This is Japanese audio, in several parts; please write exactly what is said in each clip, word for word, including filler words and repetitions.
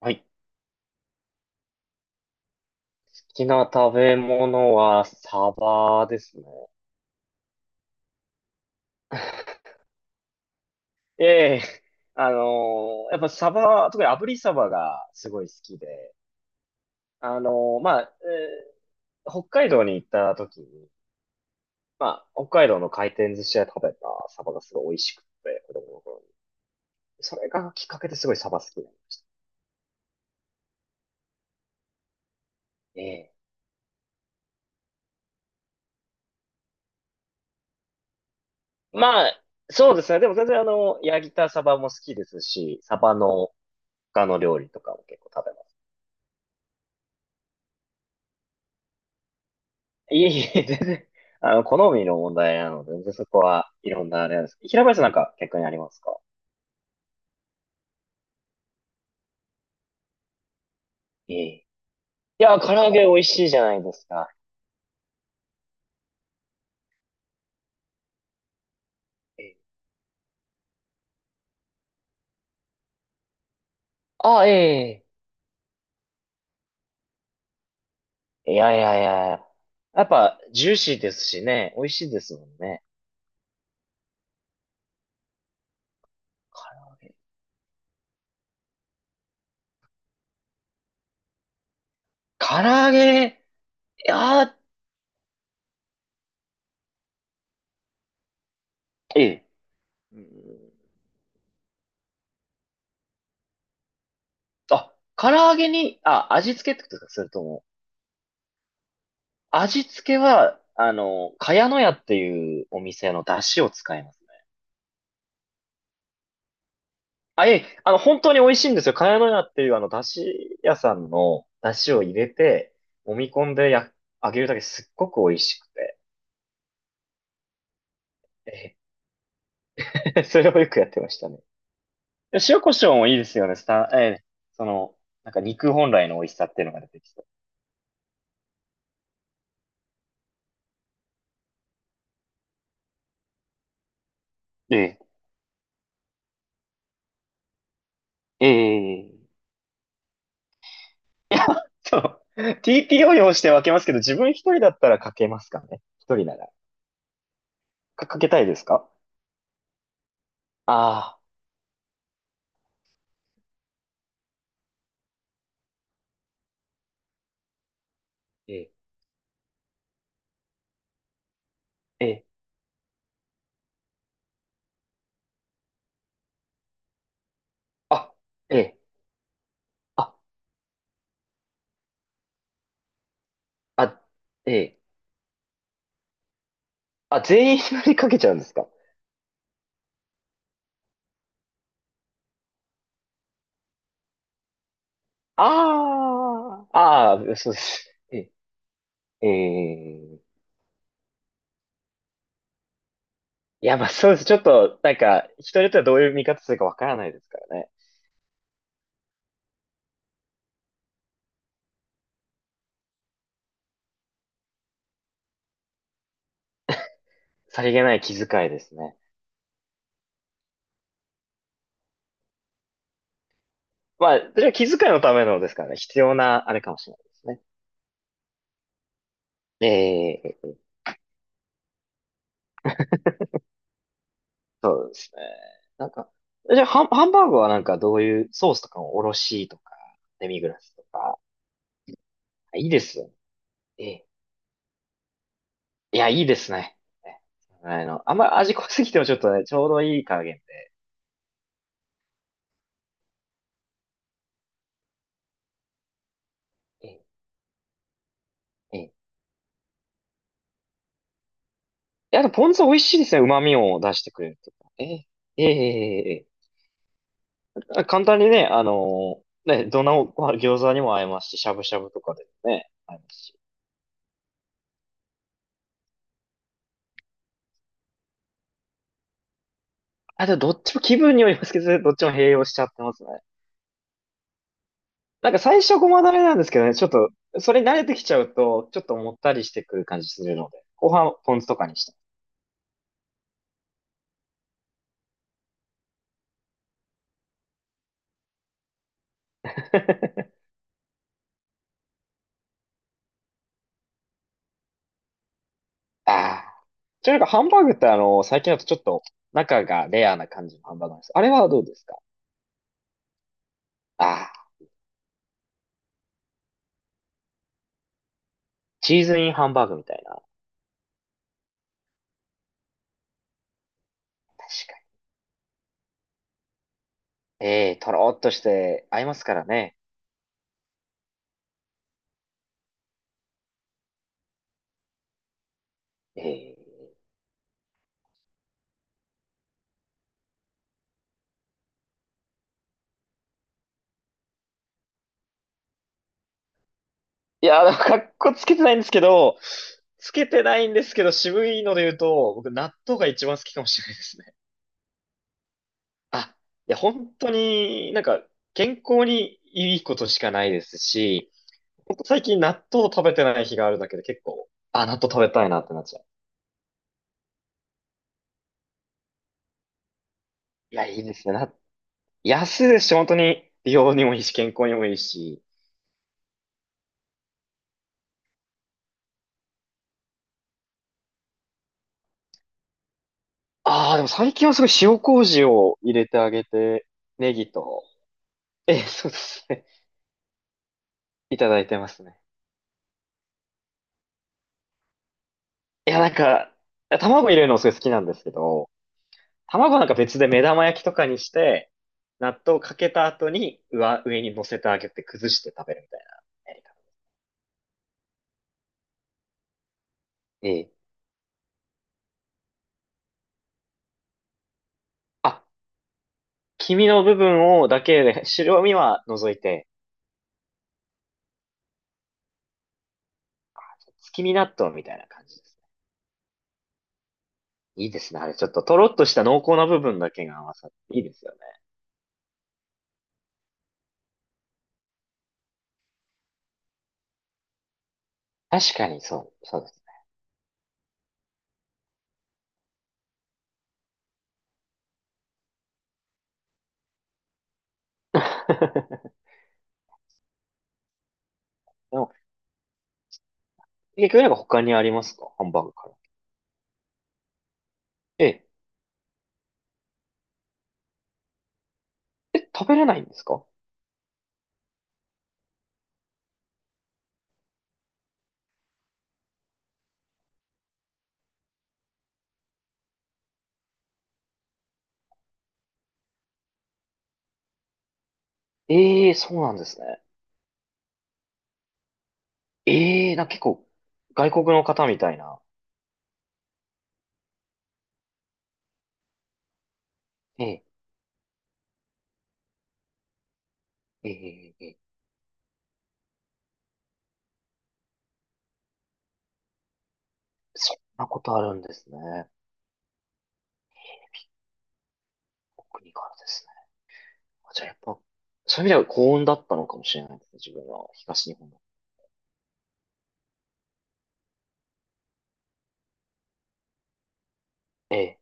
はい。好きな食べ物はサバですね。ええ、あのーやっぱサバ、特に炙りサバがすごい好きで、あのーまあ、えー北海道に行った時に、まあ、北海道の回転寿司屋で食べたサバがすごい美味しくて、子供の頃に。それがきっかけですごいサバ好きになりました。ええ。まあ、そうですね。でも全然あの、焼いたサバも好きですし、サバの他の料理とかも結構食べます。いえいえ、全然、あの、好みの問題なので、全然そこはいろんなあれなんです。平林さんなんか逆にありますか？ええ。いや、唐揚げ美味しいじゃないですか。ええ、あ、ええ。いやいやいや。やっぱ、ジューシーですしね、美味しいですもんね。唐揚げ。唐揚げ、いやー、ええ。うん、あ、唐揚げに、あ、味付けってことですか、それとも？味付けは、あの、茅乃舎っていうお店の出汁を使います。あ、いえ、あの、本当に美味しいんですよ。茅乃舎っていう、あの、だし屋さんのだしを入れて、揉み込んでや、揚げるだけすっごく美味しくて。えへ それをよくやってましたね。で塩コショウもいいですよね。スタ、ええ、その、なんか肉本来の美味しさっていうのが出てきて。ええ、ええ、そう。ティーピーオー 用して分けますけど、自分一人だったらかけますかね。一人なら。か、かけたいですか？ああー、ええ、ええ、あ、ええ、あ、あ、ええ。あ、全員縛りかけちゃうんですか？ああ、ああ、そうです。え、ええ、いや、まあそうです。ちょっと、なんか、人によってはどういう見方するかわからないですからね。さりげない気遣いですね。まあ、それは気遣いのためのですからね。必要な、あれかもしれないですね。ええ、そうですね。なんか、じゃあ、ハン、ハンバーグはなんかどういうソースとかもおろしとか、デミグラスとか、いいですよね。ええ、いや、いいですね。ねそのの。あんまり味濃すぎてもちょっとね、ちょうどいい加減で。ええ、ええ。いや、でもポン酢美味しいですね。旨味を出してくれるっていうか。ええ、ええ、ええ、ええ、簡単にね、あのね、どんなご飯餃子にも合いますし、しゃぶしゃぶとかでもね、合いますし。あ、でもどっちも気分によりますけどね、どっちも併用しちゃってますね。なんか最初ごまだれなんですけどね、ちょっと、それに慣れてきちゃうと、ちょっともったりしてくる感じするので、後半ポン酢とかにして。ああ。ちなみになんかハンバーグってあの、最近だとちょっと中がレアな感じのハンバーグなんです。あれはどうですか？ああ。チーズインハンバーグみたいな。確かに。ええ、とろーっとして合いますからね。ええ、いや、かっこつけてないんですけど、つけてないんですけど、渋いので言うと、僕、納豆が一番好きかもしれないですね。あ、いや、本当になんか、健康にいいことしかないですし、ほんと最近納豆を食べてない日があるだけで結構、あ、納豆食べたいなってなっちゃう。いや、いいですね。な、安いですし、本当に美容にもいいし、健康にもいいし。ああ、でも最近はすごい塩麹を入れてあげて、ネギとえ、そうですね。いただいてますね。いや、なんか、卵入れるのすごい好きなんですけど、卵なんか別で目玉焼きとかにして、納豆かけた後に上、上に乗せてあげて崩して食べるみたいなやり方。ええ。あ、黄身の部分をだけで、白身は除いて、月見納豆みたいな感じですね。いいですね。あれ、ちょっととろっとした濃厚な部分だけが合わさっていいですよね。確かにそう、そうです。でも、結局なんか他にありますか？ハンバーグから。ええ。え、食べれないんですか？ええー、そうなんですね。ええー、なんか結構、外国の方みたいな。ええ、ええ、ええ、そんなことあるんですね。お国からですね。あ、じゃあやっぱ、そういう意味では幸運だったのかもしれないですね。自分は東日本の。ええ、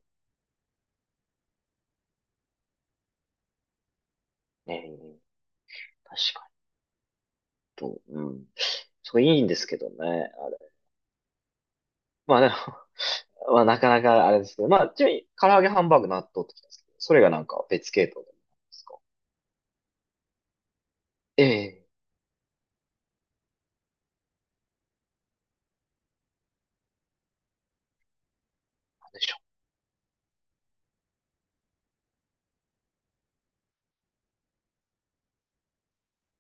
ええ、確かに、と、うん。そう、いいんですけどね。あれ。まあでも、まあなかなかあれですけど。まあ、ちなみに、唐揚げ、ハンバーグ、納豆ってきたんですけど、それがなんか別系統でもあるんですか？ええ、なんでしょ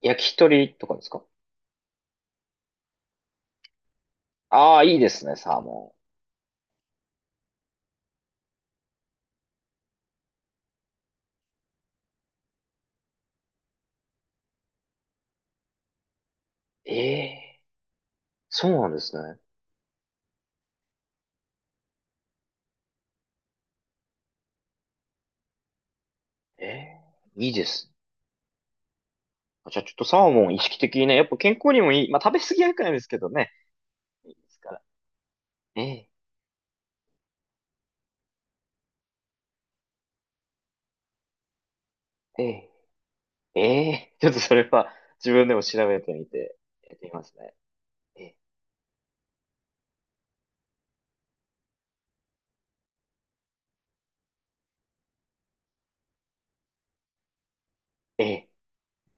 う。焼き鳥とかですか？ああ、いいですね、サーモン。ええ、そうなんですね。ええ、いいですね。じゃあちょっとサーモン意識的にね、やっぱ健康にもいい。まあ食べ過ぎは良くないですけどね。いいですから。ええ、ええ、ええ、ちょっとそれは自分でも調べてみて、やってみますね。ええ、ええ。